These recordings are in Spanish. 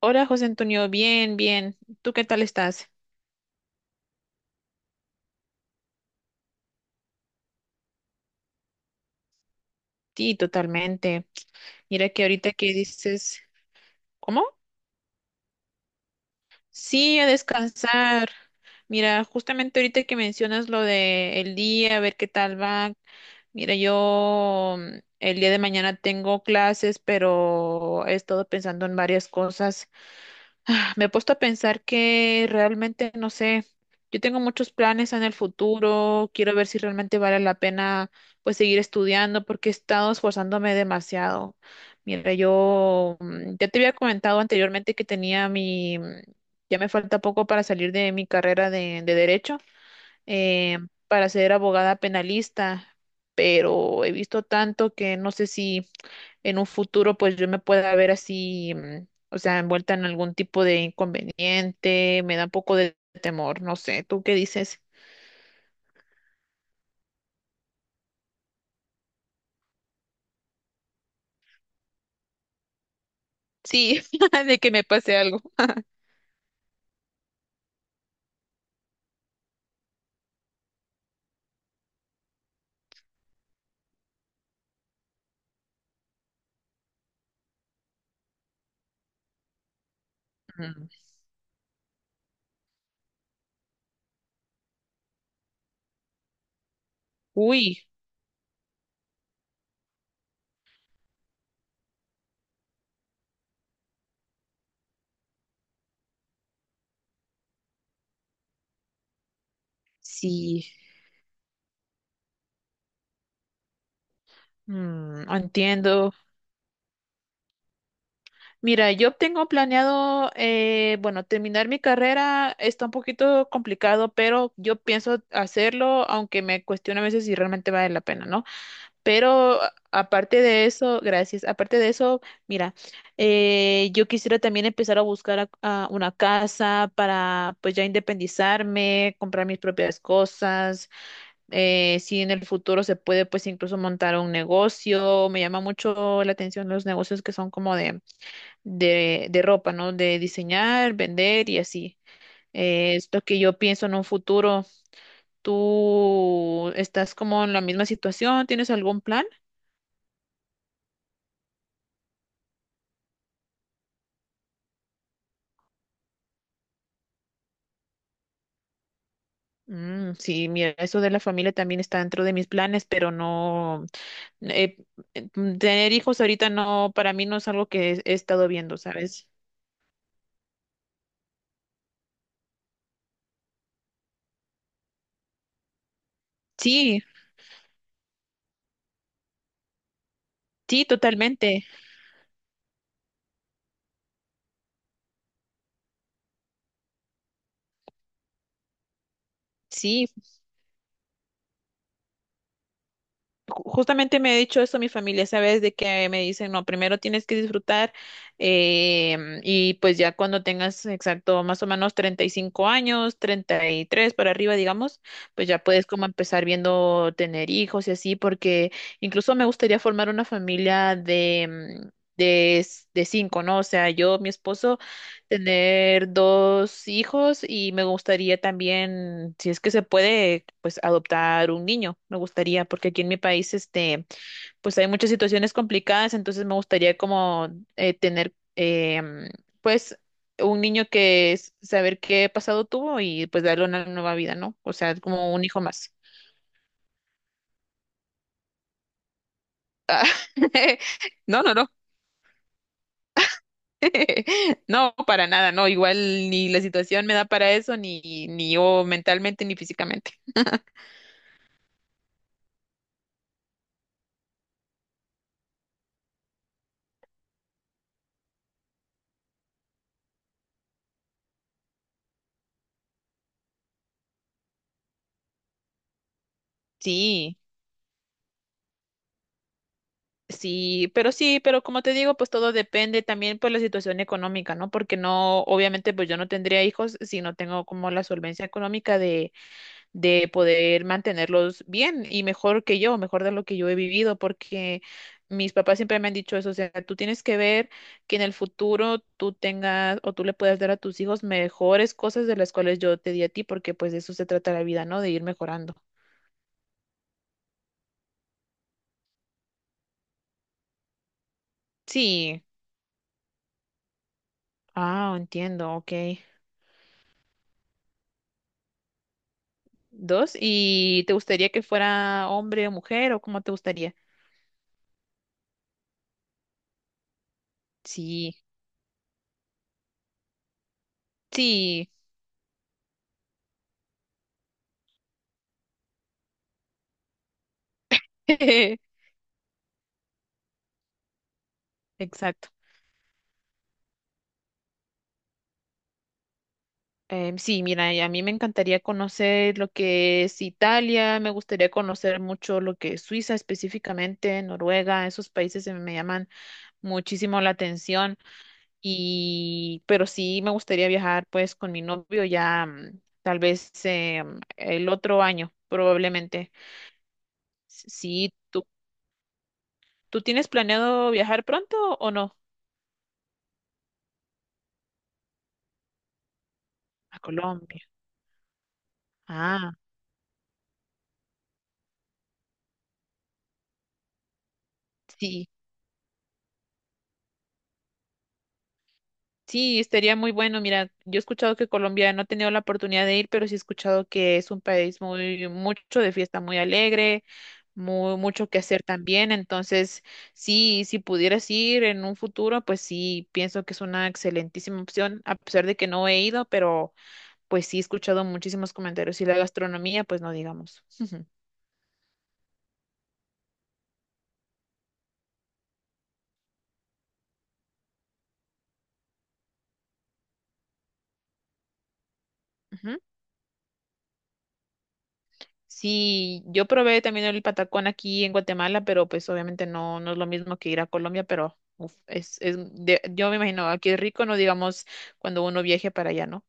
Hola, José Antonio, bien, bien. ¿Tú qué tal estás? Sí, totalmente. Mira que ahorita que dices, ¿cómo? Sí, a descansar. Mira, justamente ahorita que mencionas lo de el día, a ver qué tal va. Mira, yo el día de mañana tengo clases, pero he estado pensando en varias cosas. Ah, me he puesto a pensar que realmente, no sé, yo tengo muchos planes en el futuro, quiero ver si realmente vale la pena pues seguir estudiando porque he estado esforzándome demasiado. Mira, yo ya te había comentado anteriormente que tenía mi, ya me falta poco para salir de mi carrera de derecho, eh, para ser abogada penalista, pero he visto tanto que no sé si en un futuro pues yo me pueda ver así, o sea, envuelta en algún tipo de inconveniente, me da un poco de temor, no sé, ¿tú qué dices? Sí, de que me pase algo. Mm, uy, sí, entiendo. Mira, yo tengo planeado, bueno, terminar mi carrera está un poquito complicado, pero yo pienso hacerlo, aunque me cuestiono a veces si realmente vale la pena, ¿no? Pero aparte de eso, gracias. Aparte de eso, mira, yo quisiera también empezar a buscar a una casa para pues ya independizarme, comprar mis propias cosas. Eh, si en el futuro se puede, pues incluso montar un negocio. Me llama mucho la atención los negocios que son como de ropa, ¿no? De diseñar, vender y así. Es lo que yo pienso en un futuro. ¿Tú estás como en la misma situación? ¿Tienes algún plan? Mm, sí, mira, eso de la familia también está dentro de mis planes, pero no, eh, tener hijos ahorita no, para mí no es algo que he estado viendo, ¿sabes? Sí, sí, totalmente. Sí, justamente me ha dicho eso mi familia, ¿sabes? De que me dicen, no, primero tienes que disfrutar, y pues ya cuando tengas exacto más o menos 35 años, 33 para arriba, digamos, pues ya puedes como empezar viendo tener hijos y así, porque incluso me gustaría formar una familia de, de cinco, ¿no? O sea, yo, mi esposo tener dos hijos y me gustaría también, si es que se puede, pues adoptar un niño. Me gustaría, porque aquí en mi país, este, pues hay muchas situaciones complicadas, entonces me gustaría como tener, em, pues, un niño que saber qué pasado tuvo y pues darle una nueva vida, ¿no? O sea, como un hijo más. No, no, no. No, para nada, no. Igual ni la situación me da para eso, ni yo mentalmente ni físicamente. Sí. Sí, pero como te digo, pues todo depende también por la situación económica, ¿no? Porque no, obviamente, pues yo no tendría hijos si no tengo como la solvencia económica de poder mantenerlos bien y mejor que yo, mejor de lo que yo he vivido, porque mis papás siempre me han dicho eso, o sea, tú tienes que ver que en el futuro tú tengas o tú le puedas dar a tus hijos mejores cosas de las cuales yo te di a ti, porque pues de eso se trata la vida, ¿no? De ir mejorando. Sí. Ah, entiendo, ok. Dos. ¿Y te gustaría que fuera hombre o mujer o cómo te gustaría? Sí, sí, exacto. Em, sí, mira, y a mí me encantaría conocer lo que es Italia, me gustaría conocer mucho lo que es Suiza específicamente, Noruega, esos países se me llaman muchísimo la atención. Y, pero sí me gustaría viajar pues con mi novio ya tal vez el otro año probablemente. Sí, ¿tú tienes planeado viajar pronto o no? A Colombia. Ah, sí. Sí, estaría muy bueno. Mira, yo he escuchado que Colombia no he tenido la oportunidad de ir, pero sí he escuchado que es un país muy, mucho de fiesta, muy alegre, muy, mucho que hacer también. Entonces, sí, si pudieras ir en un futuro, pues sí, pienso que es una excelentísima opción, a pesar de que no he ido, pero pues sí he escuchado muchísimos comentarios y la gastronomía, pues no digamos. Ujú. Sí, yo probé también el patacón aquí en Guatemala, pero pues obviamente no, no es lo mismo que ir a Colombia, pero uf, es yo me imagino, aquí es rico, no digamos cuando uno viaje para allá, ¿no?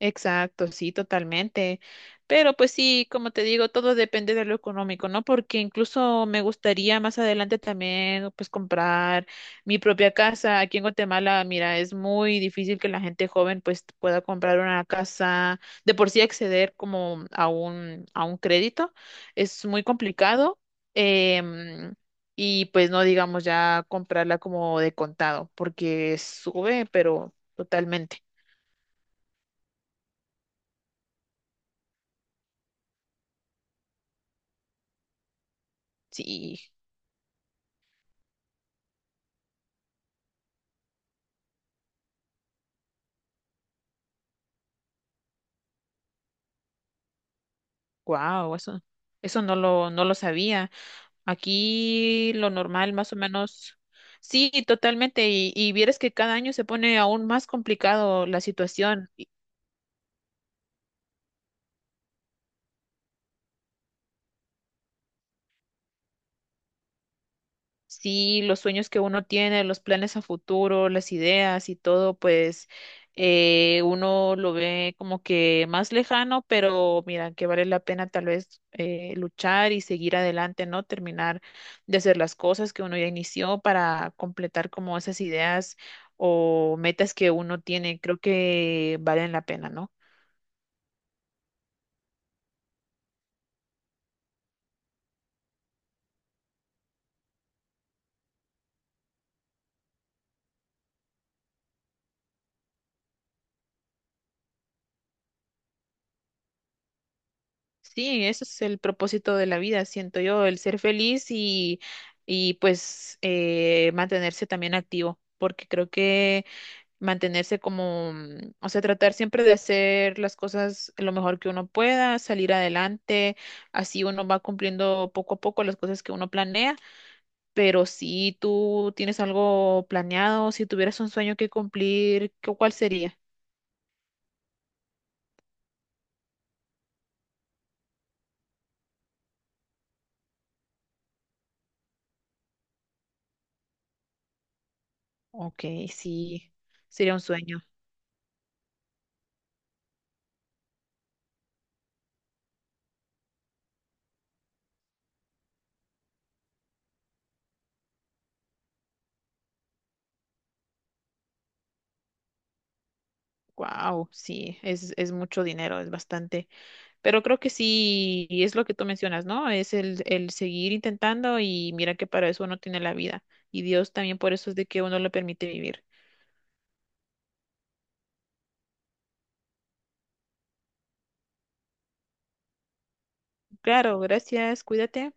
Exacto, sí, totalmente. Pero pues sí, como te digo, todo depende de lo económico, ¿no? Porque incluso me gustaría más adelante también, pues, comprar mi propia casa. Aquí en Guatemala, mira, es muy difícil que la gente joven, pues, pueda comprar una casa, de por sí acceder como a a un crédito. Es muy complicado. em, y pues no digamos ya comprarla como de contado, porque sube, pero totalmente. Sí. Wow, eso no lo sabía. Aquí lo normal, más o menos, sí, totalmente. Y vieras que cada año se pone aún más complicado la situación. Sí, los sueños que uno tiene, los planes a futuro, las ideas y todo, pues uno lo ve como que más lejano, pero mira, que vale la pena tal vez luchar y seguir adelante, ¿no? Terminar de hacer las cosas que uno ya inició para completar como esas ideas o metas que uno tiene, creo que valen la pena, ¿no? Sí, ese es el propósito de la vida, siento yo, el ser feliz y pues, mantenerse también activo, porque creo que mantenerse como, o sea, tratar siempre de hacer las cosas lo mejor que uno pueda, salir adelante, así uno va cumpliendo poco a poco las cosas que uno planea, pero si tú tienes algo planeado, si tuvieras un sueño que cumplir, ¿cuál sería? Ok, sí, sería un sueño. Wow, sí, es mucho dinero, es bastante. Pero creo que sí, y es lo que tú mencionas, ¿no? Es el seguir intentando y mira que para eso uno tiene la vida. Y Dios también por eso es de que uno le permite vivir. Claro, gracias, cuídate.